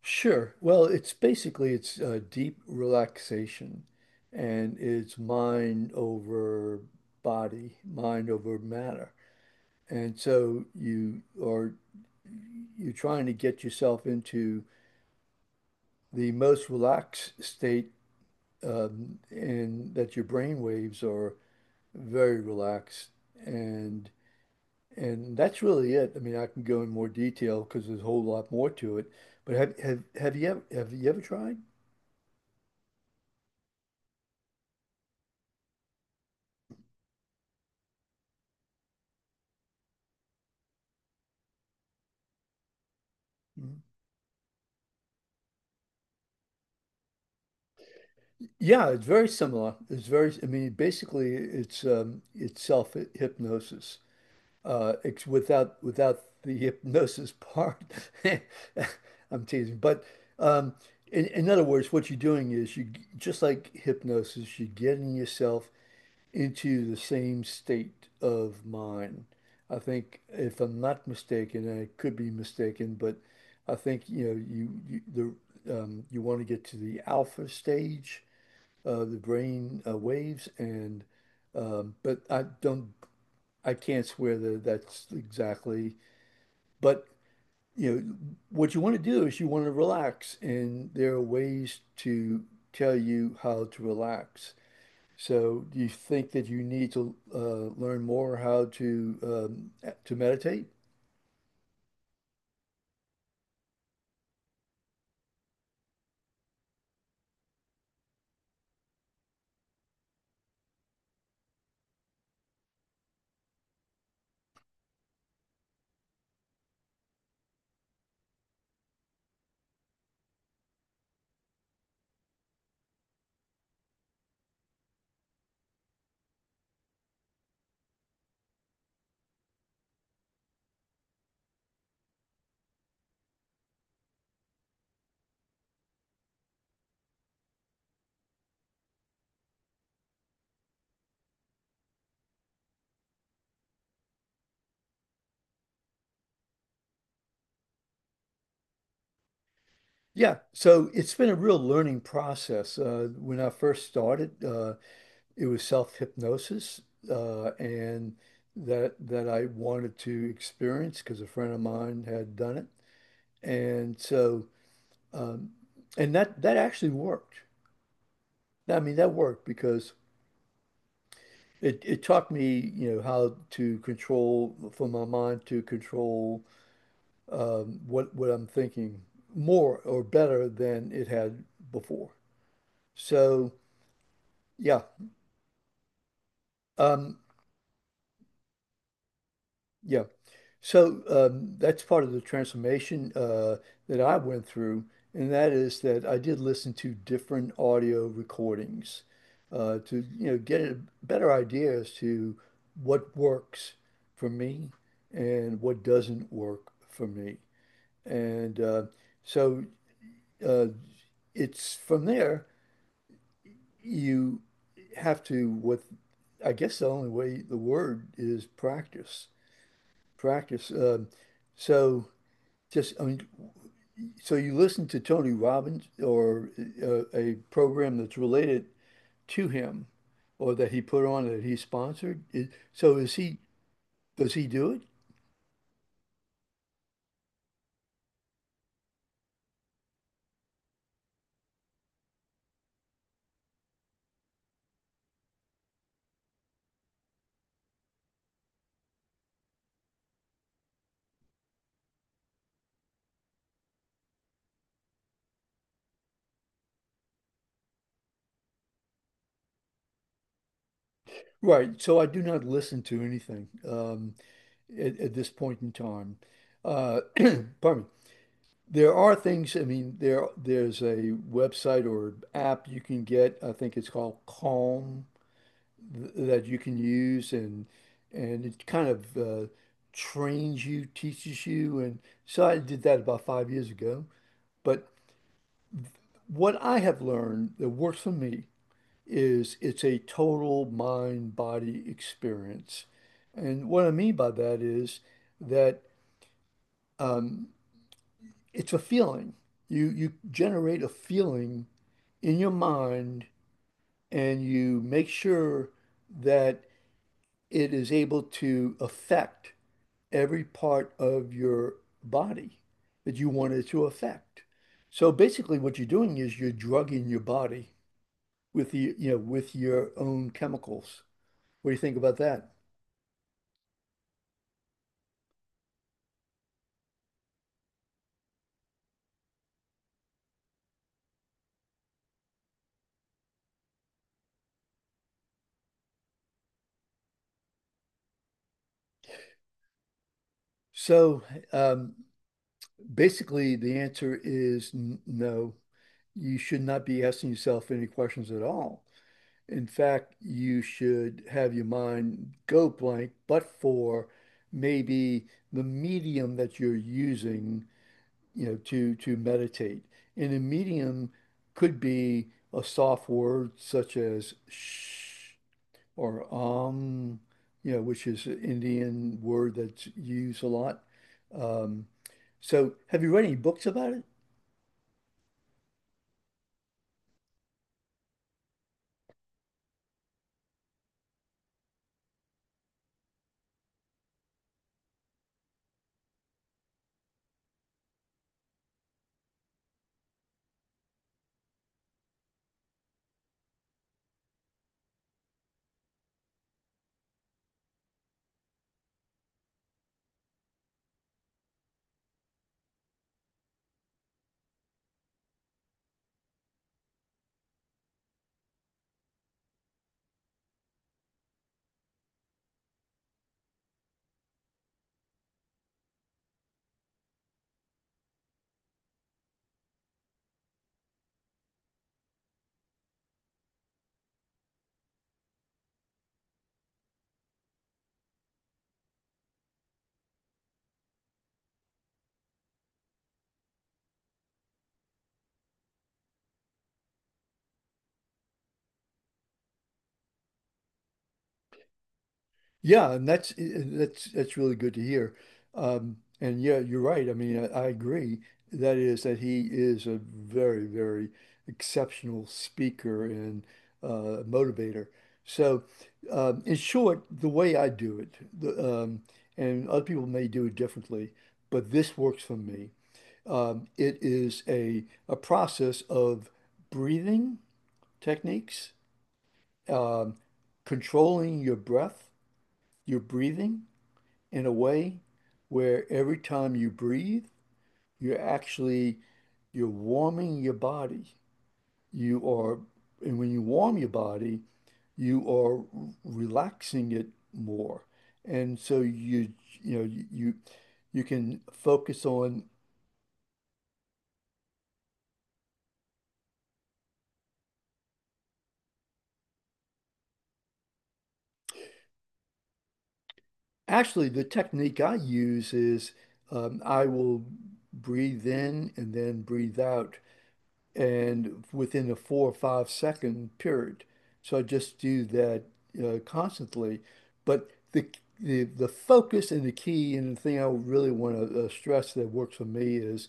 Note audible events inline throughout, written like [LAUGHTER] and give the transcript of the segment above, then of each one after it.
Sure. Well, it's basically it's deep relaxation, and it's mind over body, mind over matter. And so you're trying to get yourself into the most relaxed state, and that your brain waves are very relaxed, and and that's really it. I mean, I can go in more detail because there's a whole lot more to it. But have you ever tried? Mm-hmm. Yeah, it's very similar. It's very, I mean, basically it's self hypnosis. It's without the hypnosis part. [LAUGHS] I'm teasing. But um in other words, what you're doing is you, just like hypnosis, you're getting yourself into the same state of mind. I think, if I'm not mistaken, and I could be mistaken, but I think, you know, you the you want to get to the alpha stage, the brain waves, and but I can't swear that that's exactly, but you know what you want to do is you want to relax, and there are ways to tell you how to relax. So do you think that you need to learn more how to meditate? Yeah, so it's been a real learning process. When I first started, it was self-hypnosis, and that I wanted to experience because a friend of mine had done it. And so, um, and that that actually worked. I mean that worked because it taught me, you know, how to control, for my mind to control, what I'm thinking more or better than it had before. So yeah. Um, Yeah. That's part of the transformation that I went through, and that is that I did listen to different audio recordings to, you know, get a better idea as to what works for me and what doesn't work for me. And so uh, it's from there you have to, what I guess the only way, the word is practice, practice. So. Just, I mean, so you listen to Tony Robbins or a program that's related to him, or that he put on, that he sponsored? Does he do it? Right. So I do not listen to anything at this point in time. Uh, [CLEARS THROAT] pardon me. There are things, I mean, there's a website or app you can get. I think it's called Calm, th that you can use, and it kind of trains you, teaches you. And so I did that about 5 years ago. But what I have learned that works for me is it's a total mind-body experience. And what I mean by that is that, um, it's a feeling. You generate a feeling in your mind, and you make sure that it is able to affect every part of your body that you want it to affect. So basically, what you're doing is you're drugging your body with the, you know, with your own chemicals. What do you think about that? So, um, basically, the answer is no. You should not be asking yourself any questions at all. In fact, you should have your mind go blank, but for maybe the medium that you're using, you know, to meditate. And a medium could be a soft word such as shh, or you know, which is an Indian word that's used a lot. Um, so have you read any books about it? Yeah, and that's that's really good to hear. And yeah, you're right. I mean, I agree. That is that he is a very, very exceptional speaker and motivator. So, in short, the way I do it, and other people may do it differently, but this works for me. It is a process of breathing techniques, um, controlling your breath, your breathing, in a way where every time you breathe, you're actually, you're warming your body. You are, and when you warm your body, you are relaxing it more. And so you know you you can focus on, actually the technique I use is, I will breathe in and then breathe out, and within a 4 or 5 second period. So I just do that constantly. But the focus and the key and the thing I really want to stress that works for me is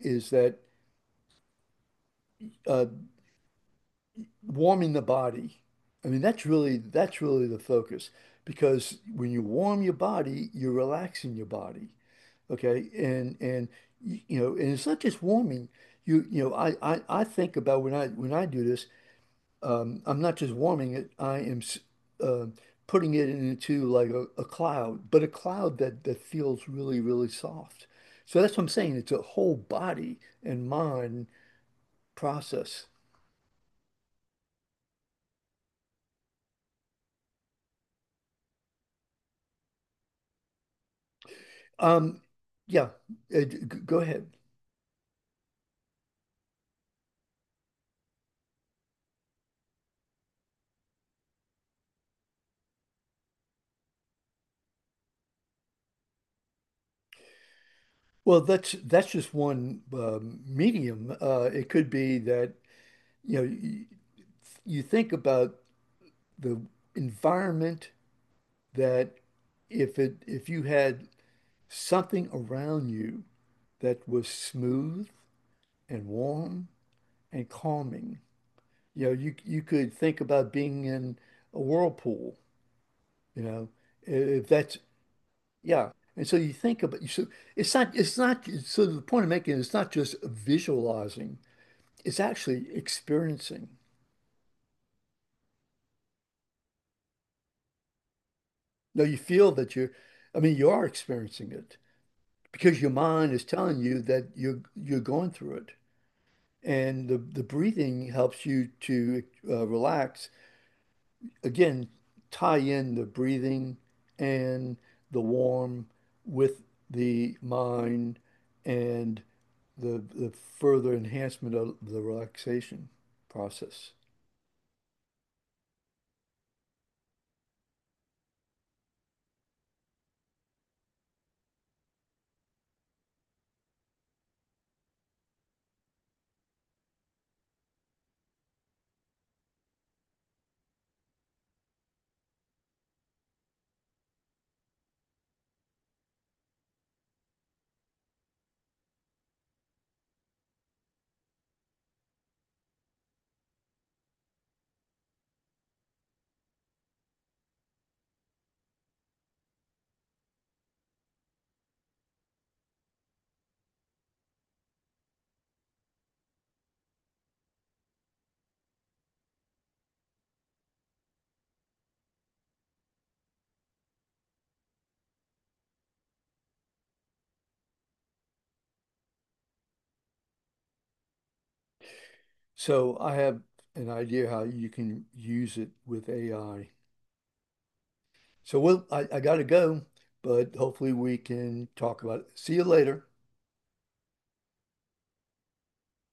is that, uh, warming the body. I mean, that's really, that's really the focus, because when you warm your body, you're relaxing your body. Okay, and you know, and it's not just warming. You know, I think about when I, when I do this. Um, I'm not just warming it, I am uh, putting it into like a cloud, but a cloud that, that feels really, really soft. So that's what I'm saying. It's a whole body and mind process. Um, yeah, uh, g- Go ahead. Well, that's just one medium. It could be that, you know, you think about the environment that, if it, if you had something around you that was smooth and warm and calming. You know, you could think about being in a whirlpool, you know, if that's, yeah. And so you think about, so it's not, it's not, so the point I'm making is it's not just visualizing, it's actually experiencing. No, you feel that you're, I mean you are experiencing it because your mind is telling you that you're going through it. And the breathing helps you to relax, again, tie in the breathing and the warm with the mind and the further enhancement of the relaxation process. So I have an idea how you can use it with AI. So well, I gotta go, but hopefully we can talk about it. See you later.